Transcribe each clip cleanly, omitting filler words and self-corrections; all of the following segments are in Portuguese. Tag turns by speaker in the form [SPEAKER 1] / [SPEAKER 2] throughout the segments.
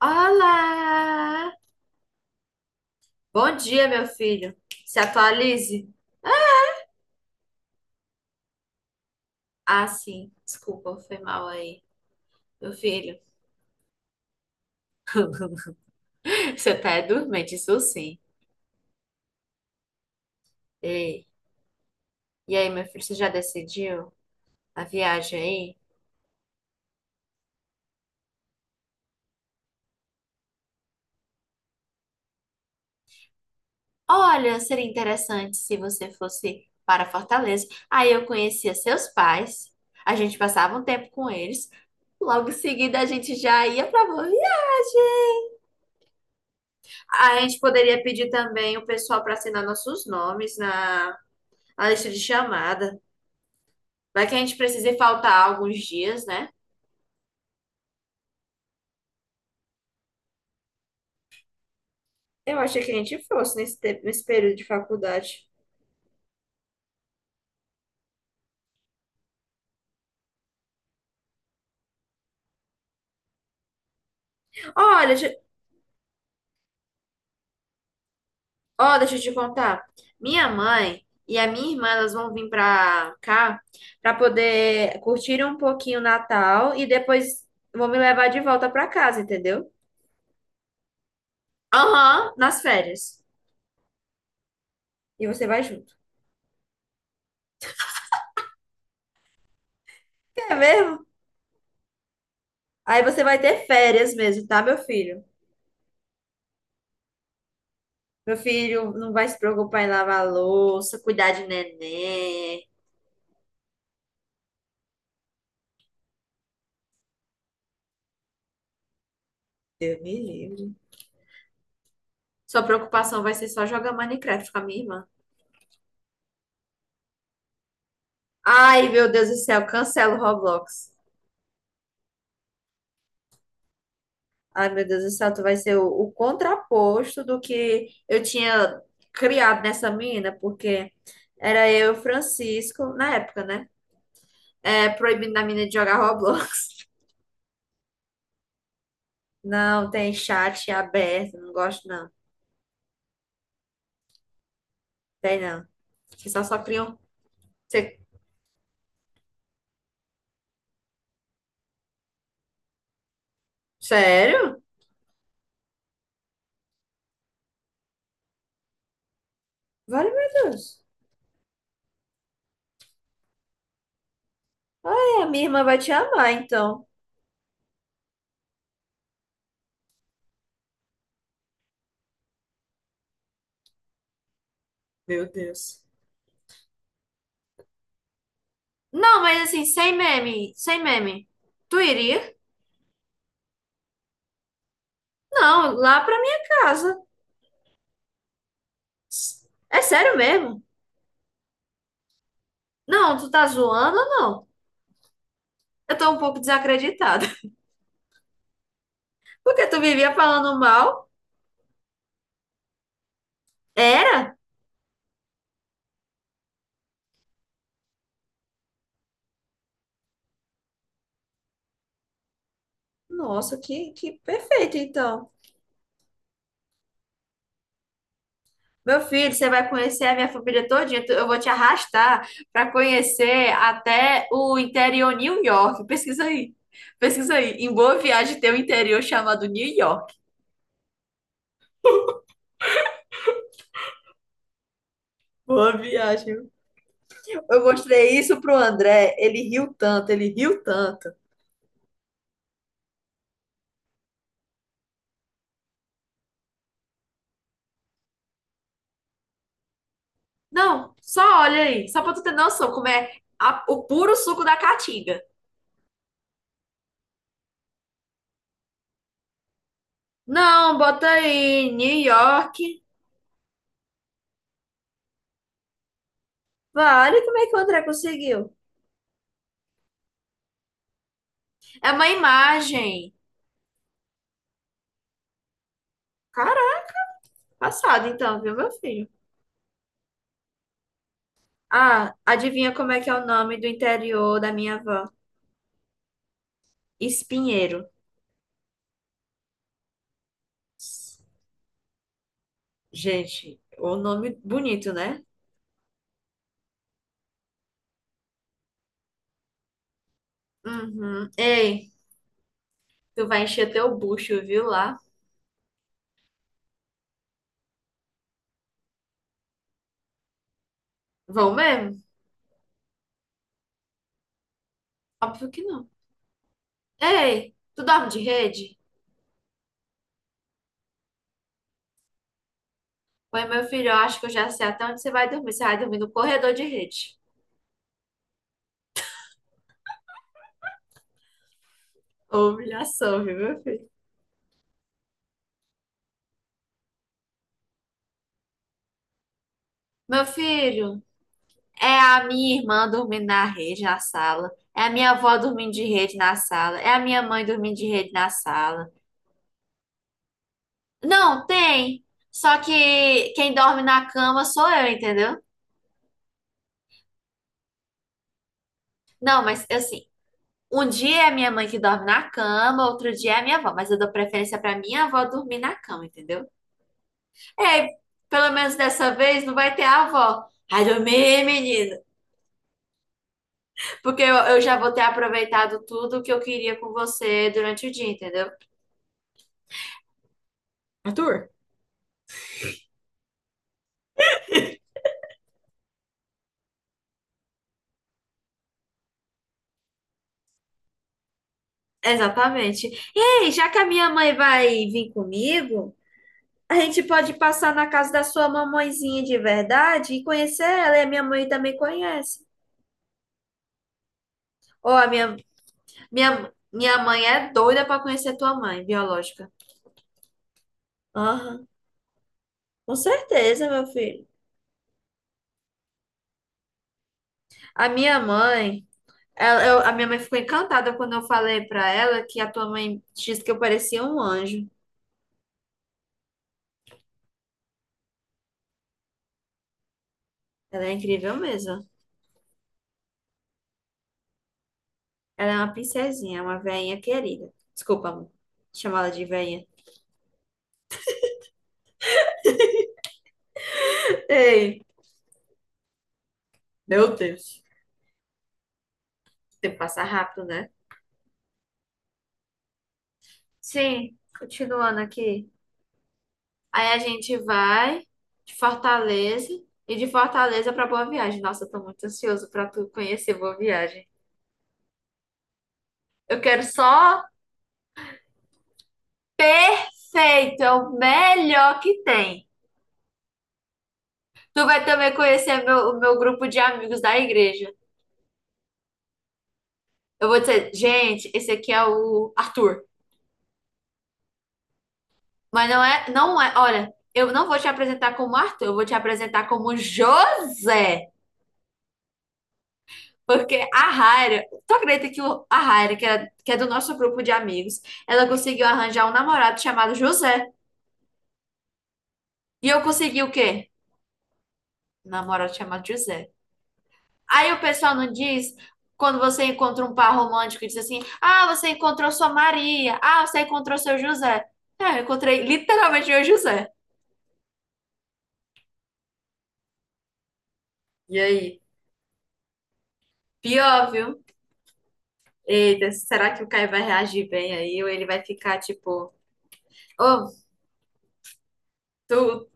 [SPEAKER 1] Olá! Bom dia, meu filho. Se atualize. Ah, sim. Desculpa, foi mal aí, meu filho. Você tá é dormente, isso sim. Ei. E aí, meu filho, você já decidiu a viagem aí? Olha, seria interessante se você fosse para Fortaleza. Aí eu conhecia seus pais, a gente passava um tempo com eles, logo em seguida a gente já ia para boa viagem. A gente poderia pedir também o pessoal para assinar nossos nomes na a lista de chamada. Vai que a gente precise faltar alguns dias, né? Eu achei que a gente fosse nesse período de faculdade. Olha, deixa- Ó, deixa eu te contar. Minha mãe e a minha irmã, elas vão vir pra cá pra poder curtir um pouquinho o Natal e depois vão me levar de volta pra casa, entendeu? Aham, nas férias. E você vai junto. É mesmo? Aí você vai ter férias mesmo, tá, meu filho? Meu filho não vai se preocupar em lavar a louça, cuidar de neném. Deus me livre. Sua preocupação vai ser só jogar Minecraft com a minha irmã. Ai, meu Deus do céu, cancela o Roblox. Ai, meu Deus do céu, tu vai ser o contraposto do que eu tinha criado nessa menina, porque era eu e o Francisco, na época, né? É, proibindo a menina de jogar Roblox. Não, tem chat aberto, não gosto não. Tem não. Você só criam. Você... Sério? Vale, meu Deus. Ai, a minha irmã vai te amar, então. Meu Deus. Não, mas assim, sem meme, sem meme. Tu iria? Não, lá pra minha casa. É sério mesmo? Não, tu tá zoando ou não? Eu tô um pouco desacreditada. Porque tu vivia falando mal? Era? Nossa, que perfeito, então. Meu filho, você vai conhecer a minha família todinha. Eu vou te arrastar pra conhecer até o interior New York. Pesquisa aí. Pesquisa aí. Em Boa Viagem tem um interior chamado New York. Boa viagem. Eu mostrei isso pro André, ele riu tanto, ele riu tanto. Não, só olha aí, só pra tu ter noção como é o puro suco da caatinga. Não, bota aí, New York. Vale, como é que o André conseguiu? É uma imagem. Caraca, passado então, viu, meu filho? Ah, adivinha como é que é o nome do interior da minha avó? Espinheiro. Gente, o nome bonito, né? Uhum. Ei, tu vai encher teu bucho, viu, lá? Vão mesmo? Óbvio que não. Ei, tu dorme de rede? Oi, meu filho, eu acho que eu já sei até onde você vai dormir. Você vai dormir no corredor de rede. Ô, Humilhação, viu, meu filho? Meu filho, é a minha irmã dormindo na rede na sala. É a minha avó dormindo de rede na sala. É a minha mãe dormindo de rede na sala. Não, tem. Só que quem dorme na cama sou eu, entendeu? Não, mas assim, um dia é minha mãe que dorme na cama, outro dia é a minha avó. Mas eu dou preferência pra minha avó dormir na cama, entendeu? É, pelo menos dessa vez não vai ter a avó. Ai, dormi, menina. Porque eu já vou ter aproveitado tudo que eu queria com você durante o dia, entendeu? Arthur? Exatamente. Ei, já que a minha mãe vai vir comigo, a gente pode passar na casa da sua mamãezinha de verdade e conhecer ela. E a minha mãe também conhece. Ou a minha, minha, Minha mãe é doida para conhecer tua mãe biológica. Aham, com certeza, meu filho. A minha mãe. A minha mãe ficou encantada quando eu falei pra ela que a tua mãe disse que eu parecia um anjo. Ela é incrível mesmo. Ela é uma princesinha, uma veinha querida. Desculpa, amor, chamar ela de veinha. Ei, meu Deus. O tempo passa rápido, né? Sim, continuando aqui. Aí a gente vai de Fortaleza e de Fortaleza pra Boa Viagem. Nossa, eu tô muito ansioso pra tu conhecer Boa Viagem. Eu quero só feito, é o melhor que tem. Tu vai também conhecer o meu grupo de amigos da igreja. Eu vou dizer, gente, esse aqui é o Arthur. Mas não é, não é, olha, eu não vou te apresentar como Arthur, eu vou te apresentar como José. Porque a Raira, tu acredita que a Raira, que é do nosso grupo de amigos, ela conseguiu arranjar um namorado chamado José. E eu consegui o quê? Um namorado chamado José. Aí o pessoal não diz, quando você encontra um par romântico e diz assim: ah, você encontrou sua Maria, ah, você encontrou seu José. É, eu encontrei literalmente meu José. E aí? Pior, viu? Eita, será que o Caio vai reagir bem aí? Ou ele vai ficar tipo, oh, tu,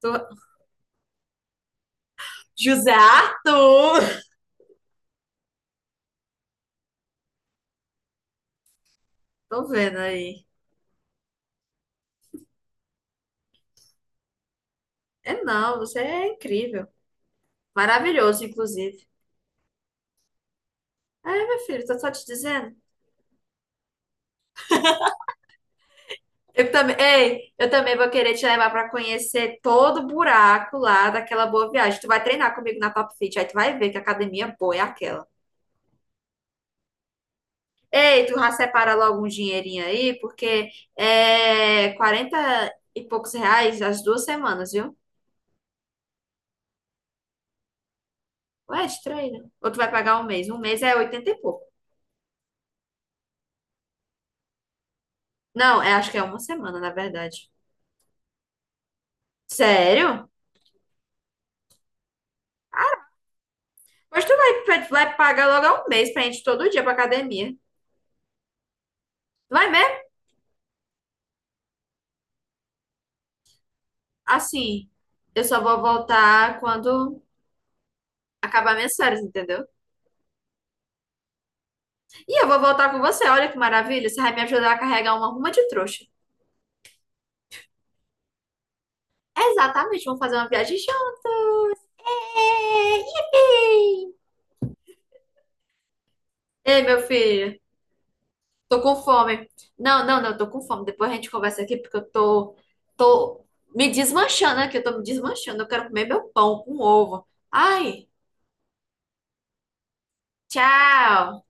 [SPEAKER 1] tu, José Arthur? Tô vendo aí. É não, você é incrível. Maravilhoso, inclusive. É, meu filho, tô só te dizendo. Eu também, ei, eu também vou querer te levar para conhecer todo o buraco lá daquela boa viagem. Tu vai treinar comigo na Top Fit, aí tu vai ver que academia boa é aquela. Ei, tu já separa logo um dinheirinho aí, porque é 40 e poucos reais as 2 semanas, viu? Ou é de treino? Ou tu vai pagar um mês? Um mês é 80 e pouco. Não, é, acho que é uma semana, na verdade. Sério? Mas tu vai pagar logo um mês pra gente ir todo dia pra academia. Vai mesmo? Assim, eu só vou voltar quando acabar minhas férias, entendeu? E eu vou voltar com você, olha que maravilha, você vai me ajudar a carregar uma ruma de trouxa. Exatamente, vamos fazer uma viagem show. É, yippee! Ei, meu filho, tô com fome. Não, não, não, tô com fome. Depois a gente conversa aqui porque eu tô, tô me desmanchando aqui, eu tô me desmanchando. Eu quero comer meu pão com ovo. Ai, tchau.